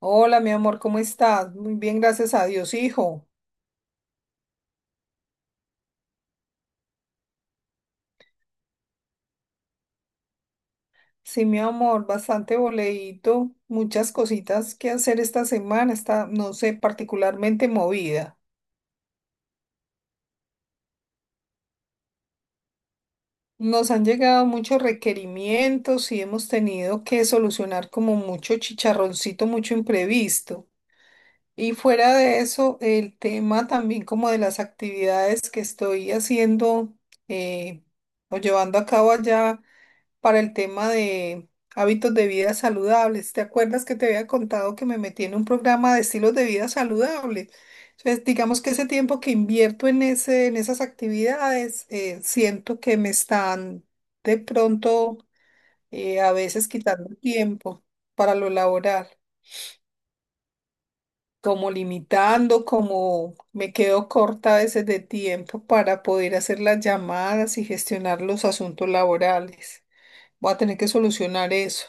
Hola, mi amor, ¿cómo estás? Muy bien, gracias a Dios, hijo. Sí, mi amor, bastante boleíto, muchas cositas que hacer esta semana, está, no sé, particularmente movida. Nos han llegado muchos requerimientos y hemos tenido que solucionar como mucho chicharroncito, mucho imprevisto. Y fuera de eso, el tema también como de las actividades que estoy haciendo eh, o llevando a cabo allá para el tema de hábitos de vida saludables. ¿Te acuerdas que te había contado que me metí en un programa de estilos de vida saludables? Entonces, digamos que ese tiempo que invierto en ese, en esas actividades, siento que me están de pronto a veces quitando tiempo para lo laboral. Como limitando, como me quedo corta a veces de tiempo para poder hacer las llamadas y gestionar los asuntos laborales. Voy a tener que solucionar eso.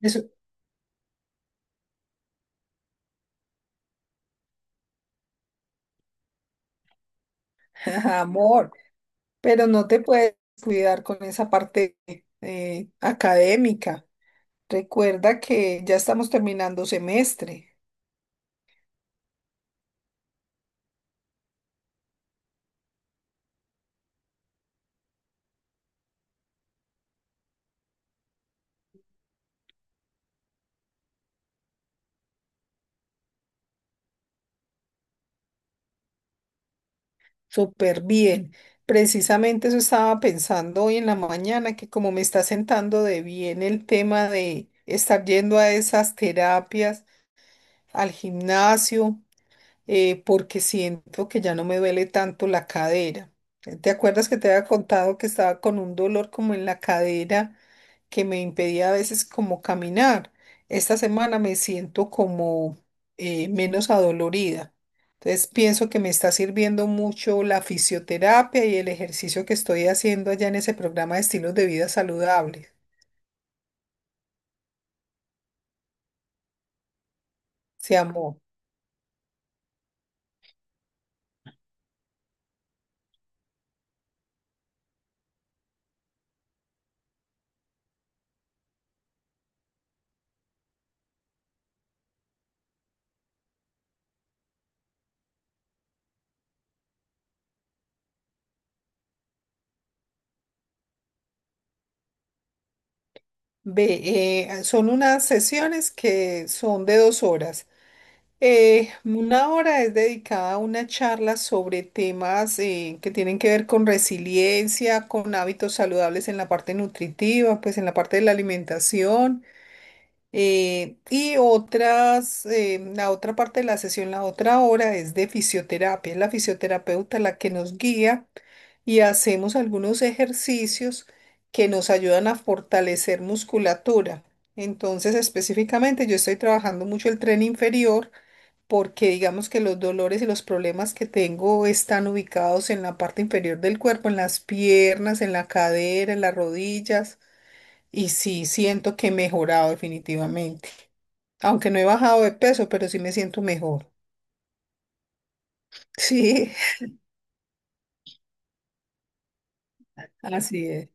Eso. Ajá, amor, pero no te puedes cuidar con esa parte académica. Recuerda que ya estamos terminando semestre. Súper bien. Precisamente eso estaba pensando hoy en la mañana, que como me está sentando de bien el tema de estar yendo a esas terapias, al gimnasio, porque siento que ya no me duele tanto la cadera. ¿Te acuerdas que te había contado que estaba con un dolor como en la cadera que me impedía a veces como caminar? Esta semana me siento como menos adolorida. Entonces pienso que me está sirviendo mucho la fisioterapia y el ejercicio que estoy haciendo allá en ese programa de estilos de vida saludables. Se amó. Ve, son unas sesiones que son de 2 horas. 1 hora es dedicada a una charla sobre temas que tienen que ver con resiliencia, con hábitos saludables en la parte nutritiva, pues en la parte de la alimentación. Y otras, la otra parte de la sesión, la otra 1 hora es de fisioterapia. Es la fisioterapeuta la que nos guía y hacemos algunos ejercicios que nos ayudan a fortalecer musculatura. Entonces, específicamente, yo estoy trabajando mucho el tren inferior porque digamos que los dolores y los problemas que tengo están ubicados en la parte inferior del cuerpo, en las piernas, en la cadera, en las rodillas. Y sí, siento que he mejorado definitivamente. Aunque no he bajado de peso, pero sí me siento mejor. Sí, así es.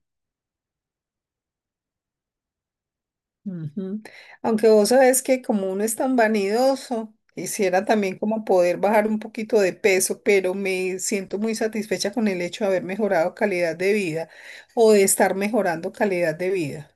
Ujú. Aunque vos sabés que como uno es tan vanidoso, quisiera también como poder bajar un poquito de peso, pero me siento muy satisfecha con el hecho de haber mejorado calidad de vida o de estar mejorando calidad de vida.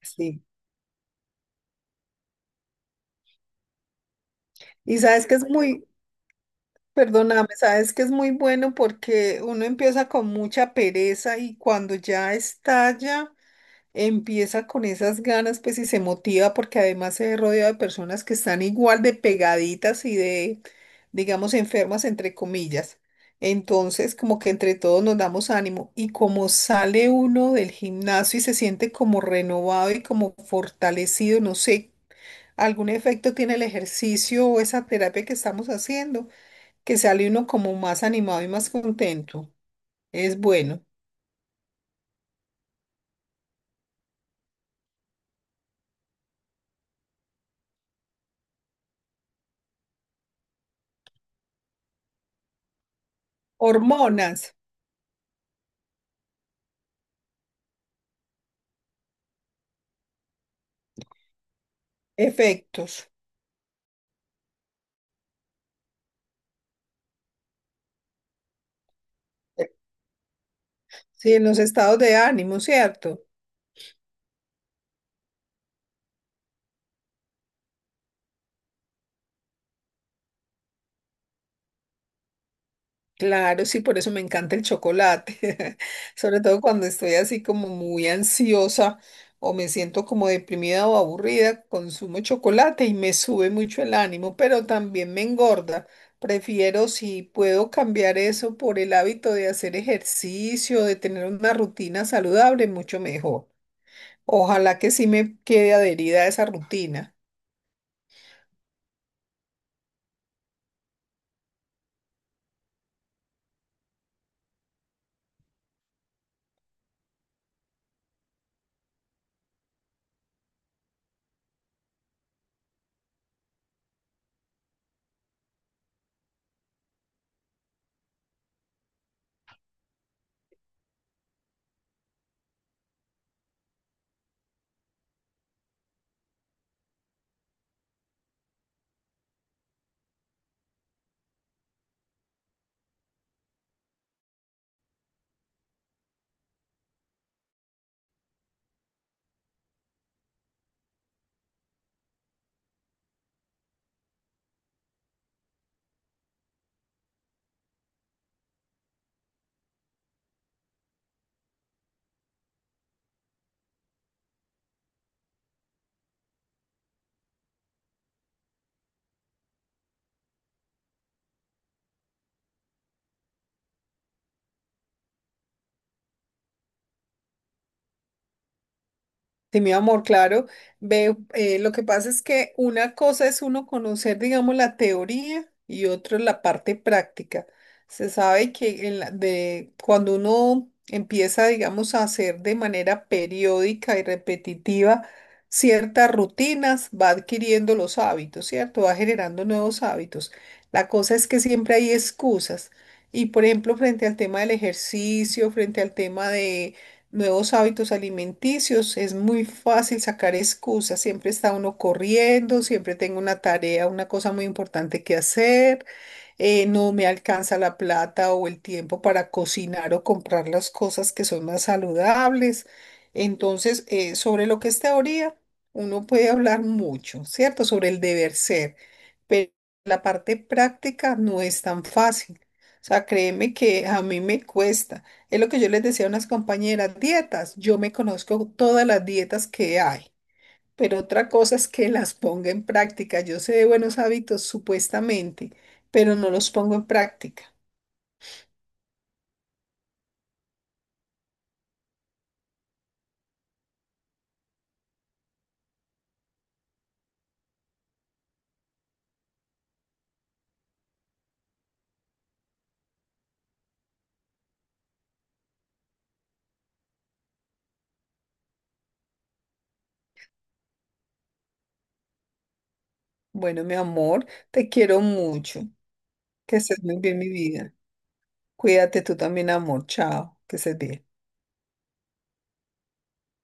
Sí, y sabes que es muy, perdóname, sabes que es muy bueno porque uno empieza con mucha pereza y cuando ya estalla, empieza con esas ganas, pues y se motiva porque además se rodea de personas que están igual de pegaditas y de, digamos, enfermas, entre comillas. Entonces, como que entre todos nos damos ánimo y como sale uno del gimnasio y se siente como renovado y como fortalecido, no sé, algún efecto tiene el ejercicio o esa terapia que estamos haciendo, que sale uno como más animado y más contento. Es bueno. Hormonas, efectos. Sí, en los estados de ánimo, ¿cierto? Claro, sí, por eso me encanta el chocolate, sobre todo cuando estoy así como muy ansiosa o me siento como deprimida o aburrida, consumo chocolate y me sube mucho el ánimo, pero también me engorda. Prefiero, si puedo cambiar eso por el hábito de hacer ejercicio, de tener una rutina saludable, mucho mejor. Ojalá que sí me quede adherida a esa rutina. Sí, mi amor, claro. Ve, lo que pasa es que una cosa es uno conocer, digamos, la teoría y otra la parte práctica. Se sabe que en la- de, cuando uno empieza, digamos, a hacer de manera periódica y repetitiva ciertas rutinas, va adquiriendo los hábitos, ¿cierto? Va generando nuevos hábitos. La cosa es que siempre hay excusas. Y, por ejemplo, frente al tema del ejercicio, frente al tema de nuevos hábitos alimenticios, es muy fácil sacar excusas, siempre está uno corriendo, siempre tengo una tarea, una cosa muy importante que hacer, no me alcanza la plata o el tiempo para cocinar o comprar las cosas que son más saludables. Entonces, sobre lo que es teoría, uno puede hablar mucho, ¿cierto? Sobre el deber ser, pero la parte práctica no es tan fácil. O sea, créeme que a mí me cuesta. Es lo que yo les decía a unas compañeras, dietas. Yo me conozco todas las dietas que hay, pero otra cosa es que las ponga en práctica. Yo sé de buenos hábitos supuestamente, pero no los pongo en práctica. Bueno, mi amor, te quiero mucho. Que estés muy bien, mi vida. Cuídate tú también, amor. Chao. Que estés bien.